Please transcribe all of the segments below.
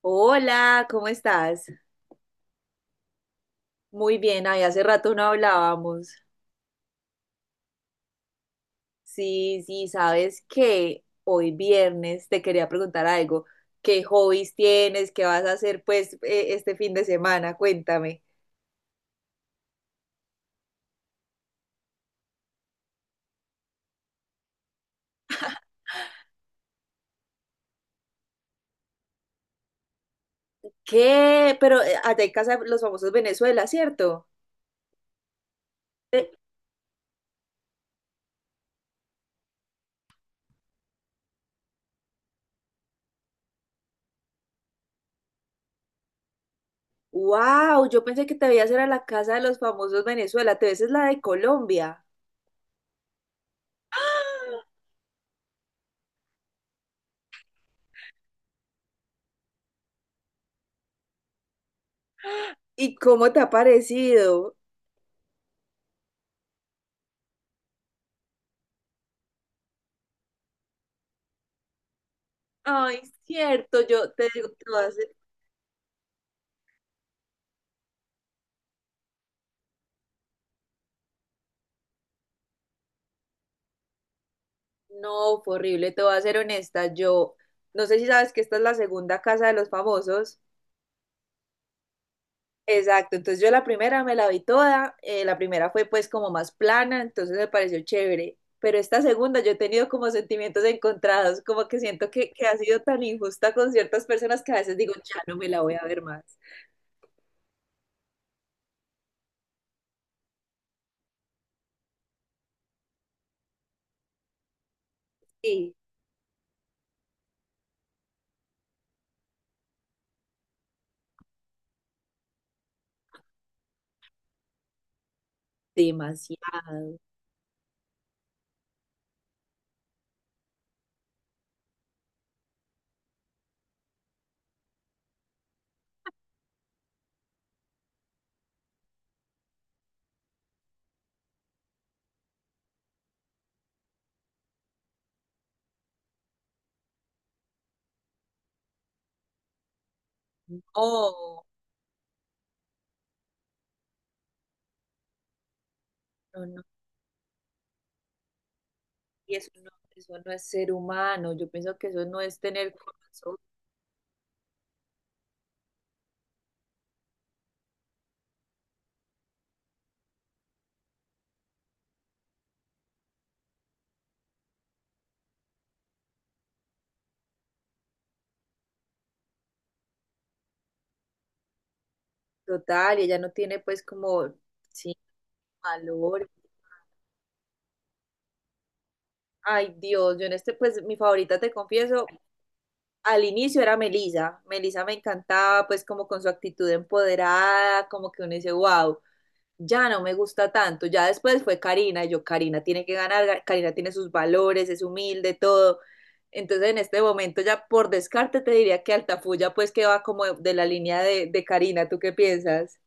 Hola, ¿cómo estás? Muy bien, ay, hace rato no hablábamos. Sí, sí, sabes que hoy viernes te quería preguntar algo. ¿Qué hobbies tienes? ¿Qué vas a hacer pues este fin de semana? Cuéntame. ¿Qué? Pero allá en casa de los famosos Venezuela, ¿cierto? Wow, yo pensé que te veías era la casa de los famosos Venezuela, te ves es la de Colombia. ¿Y cómo te ha parecido? Ay, cierto, yo te digo. No, fue horrible, te voy a ser honesta, yo no sé si sabes que esta es la segunda casa de los famosos. Exacto, entonces yo la primera me la vi toda, la primera fue pues como más plana, entonces me pareció chévere, pero esta segunda yo he tenido como sentimientos encontrados, como que siento que ha sido tan injusta con ciertas personas que a veces digo, ya no me la voy a ver más. Sí, demasiado. No, no, no, y eso no es ser humano, yo pienso que eso no es tener corazón. Total, y ella no tiene pues como, sí, valor. Ay, Dios, yo en este, pues mi favorita, te confieso, al inicio era Melisa. Melisa me encantaba pues como con su actitud empoderada, como que uno dice, wow, ya no me gusta tanto. Ya después fue Karina, y yo, Karina tiene que ganar, Karina tiene sus valores, es humilde, todo. Entonces en este momento ya por descarte te diría que Altafulla pues que va como de la línea de Karina, ¿tú qué piensas?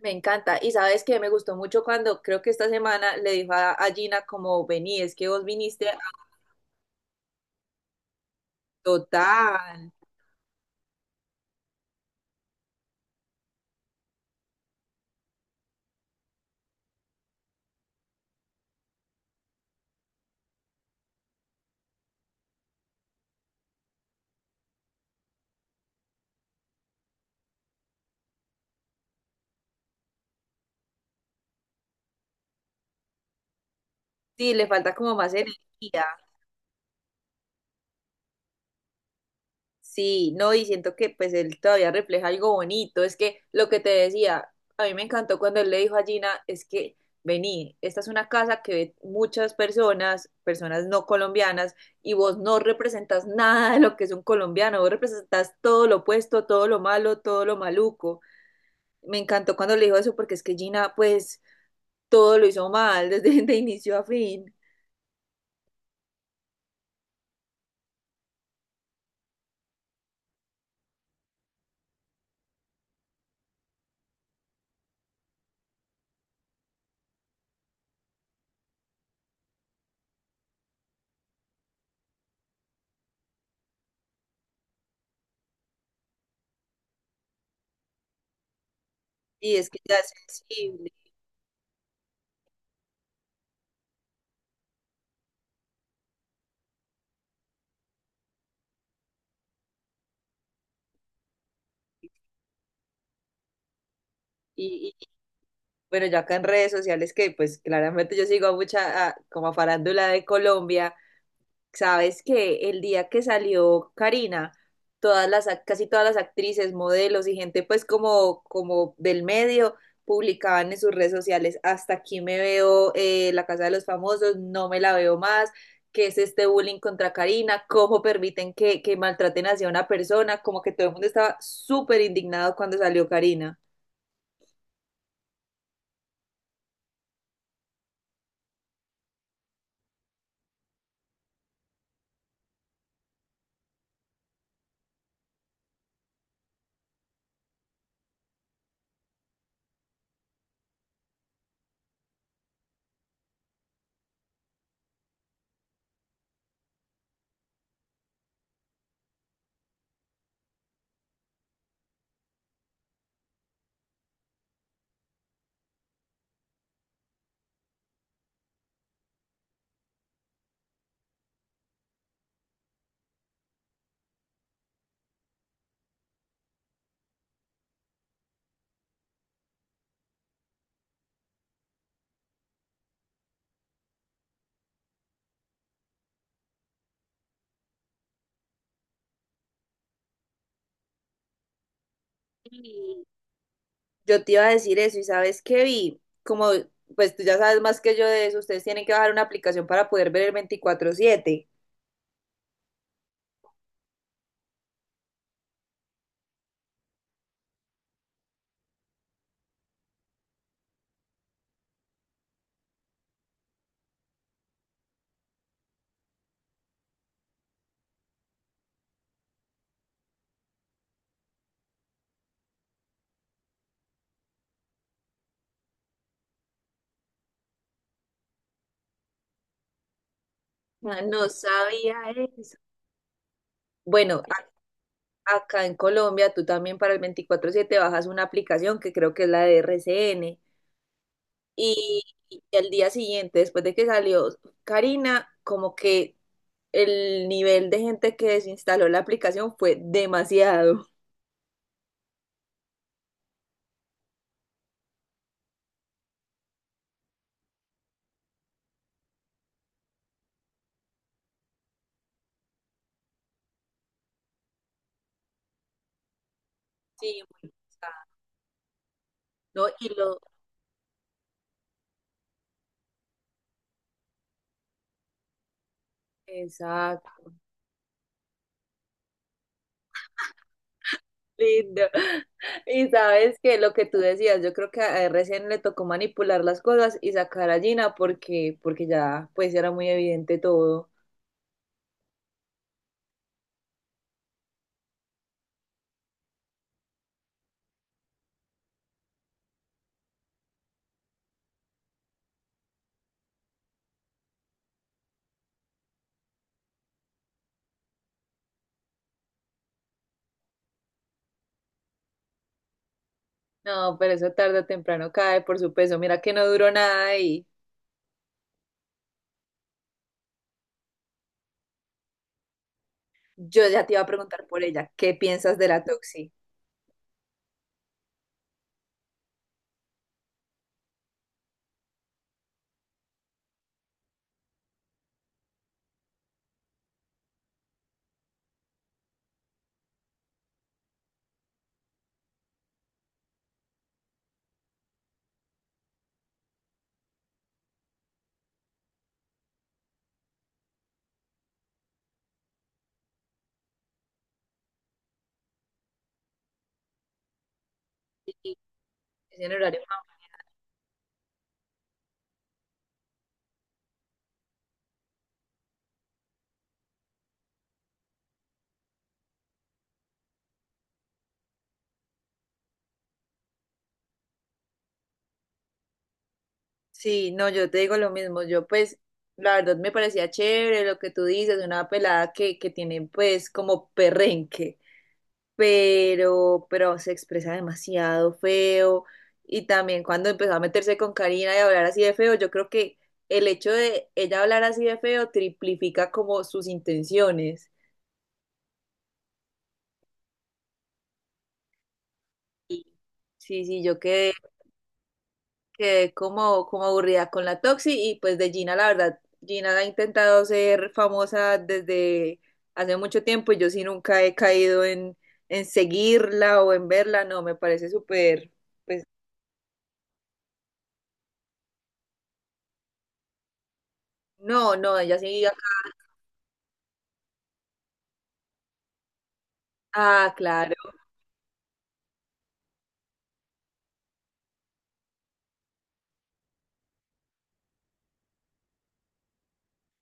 Me encanta. Y sabes que me gustó mucho cuando creo que esta semana le dijo a Gina como vení, es que vos viniste a total. Sí, le falta como más energía. Sí, no, y siento que pues él todavía refleja algo bonito. Es que lo que te decía, a mí me encantó cuando él le dijo a Gina, es que vení, esta es una casa que ve muchas personas, personas no colombianas, y vos no representas nada de lo que es un colombiano, vos representas todo lo opuesto, todo lo malo, todo lo maluco. Me encantó cuando le dijo eso porque es que Gina pues todo lo hizo mal desde de inicio a fin y es que ya es sensible. Y, y, bueno, ya acá en redes sociales que pues claramente yo sigo a mucha como a farándula de Colombia. Sabes que el día que salió Karina, todas casi todas las actrices, modelos y gente pues como del medio publicaban en sus redes sociales, hasta aquí me veo La Casa de los Famosos, no me la veo más, qué es este bullying contra Karina, cómo permiten que maltraten así a una persona, como que todo el mundo estaba súper indignado cuando salió Karina. Yo te iba a decir eso y sabes qué vi, como pues tú ya sabes más que yo de eso, ustedes tienen que bajar una aplicación para poder ver el 24/7. Ah, no sabía eso. Bueno, acá en Colombia tú también para el veinticuatro siete bajas una aplicación que creo que es la de RCN y, y al día siguiente, después de que salió Karina, como que el nivel de gente que desinstaló la aplicación fue demasiado. Sí, muy pesado. No, y lo, exacto, lindo. Y sabes que lo que tú decías, yo creo que a él recién le tocó manipular las cosas y sacar a Gina porque ya pues era muy evidente todo. No, pero eso tarde o temprano cae por su peso. Mira que no duró nada y yo ya te iba a preguntar por ella, ¿qué piensas de la Toxi? Sí, es en horario familiar. Sí, no, yo te digo lo mismo. Yo pues, la verdad me parecía chévere lo que tú dices, una pelada que tiene pues como perrenque. Pero se expresa demasiado feo. Y también cuando empezó a meterse con Karina y a hablar así de feo, yo creo que el hecho de ella hablar así de feo triplifica como sus intenciones. Y sí, sí, yo quedé, quedé como, como aburrida con la Toxi y pues de Gina, la verdad, Gina ha intentado ser famosa desde hace mucho tiempo y yo sí nunca he caído en seguirla o en verla, no, me parece súper, pues no, no, ella sí. Ah, claro.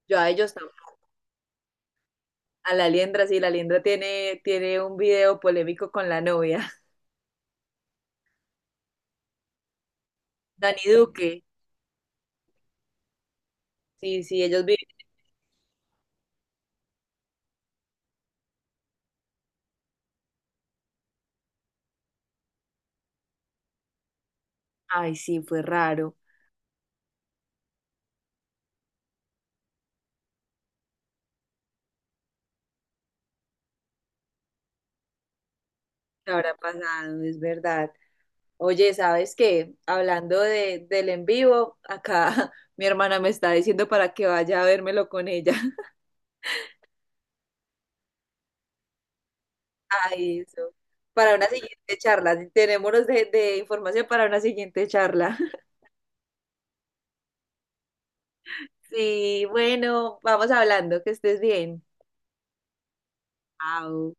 Yo a ellos no. A la Liendra, sí, la Liendra tiene, tiene un video polémico con la novia. Dani Duque. Sí, sí, ellos viven. Ay, sí, fue raro. ¿Qué habrá pasado? Es verdad. Oye, ¿sabes qué? Hablando del en vivo, acá mi hermana me está diciendo para que vaya a vérmelo con ella. Ay, eso. Para una siguiente charla. Tenemos de información para una siguiente charla. Sí, bueno, vamos hablando. Que estés bien. Chao.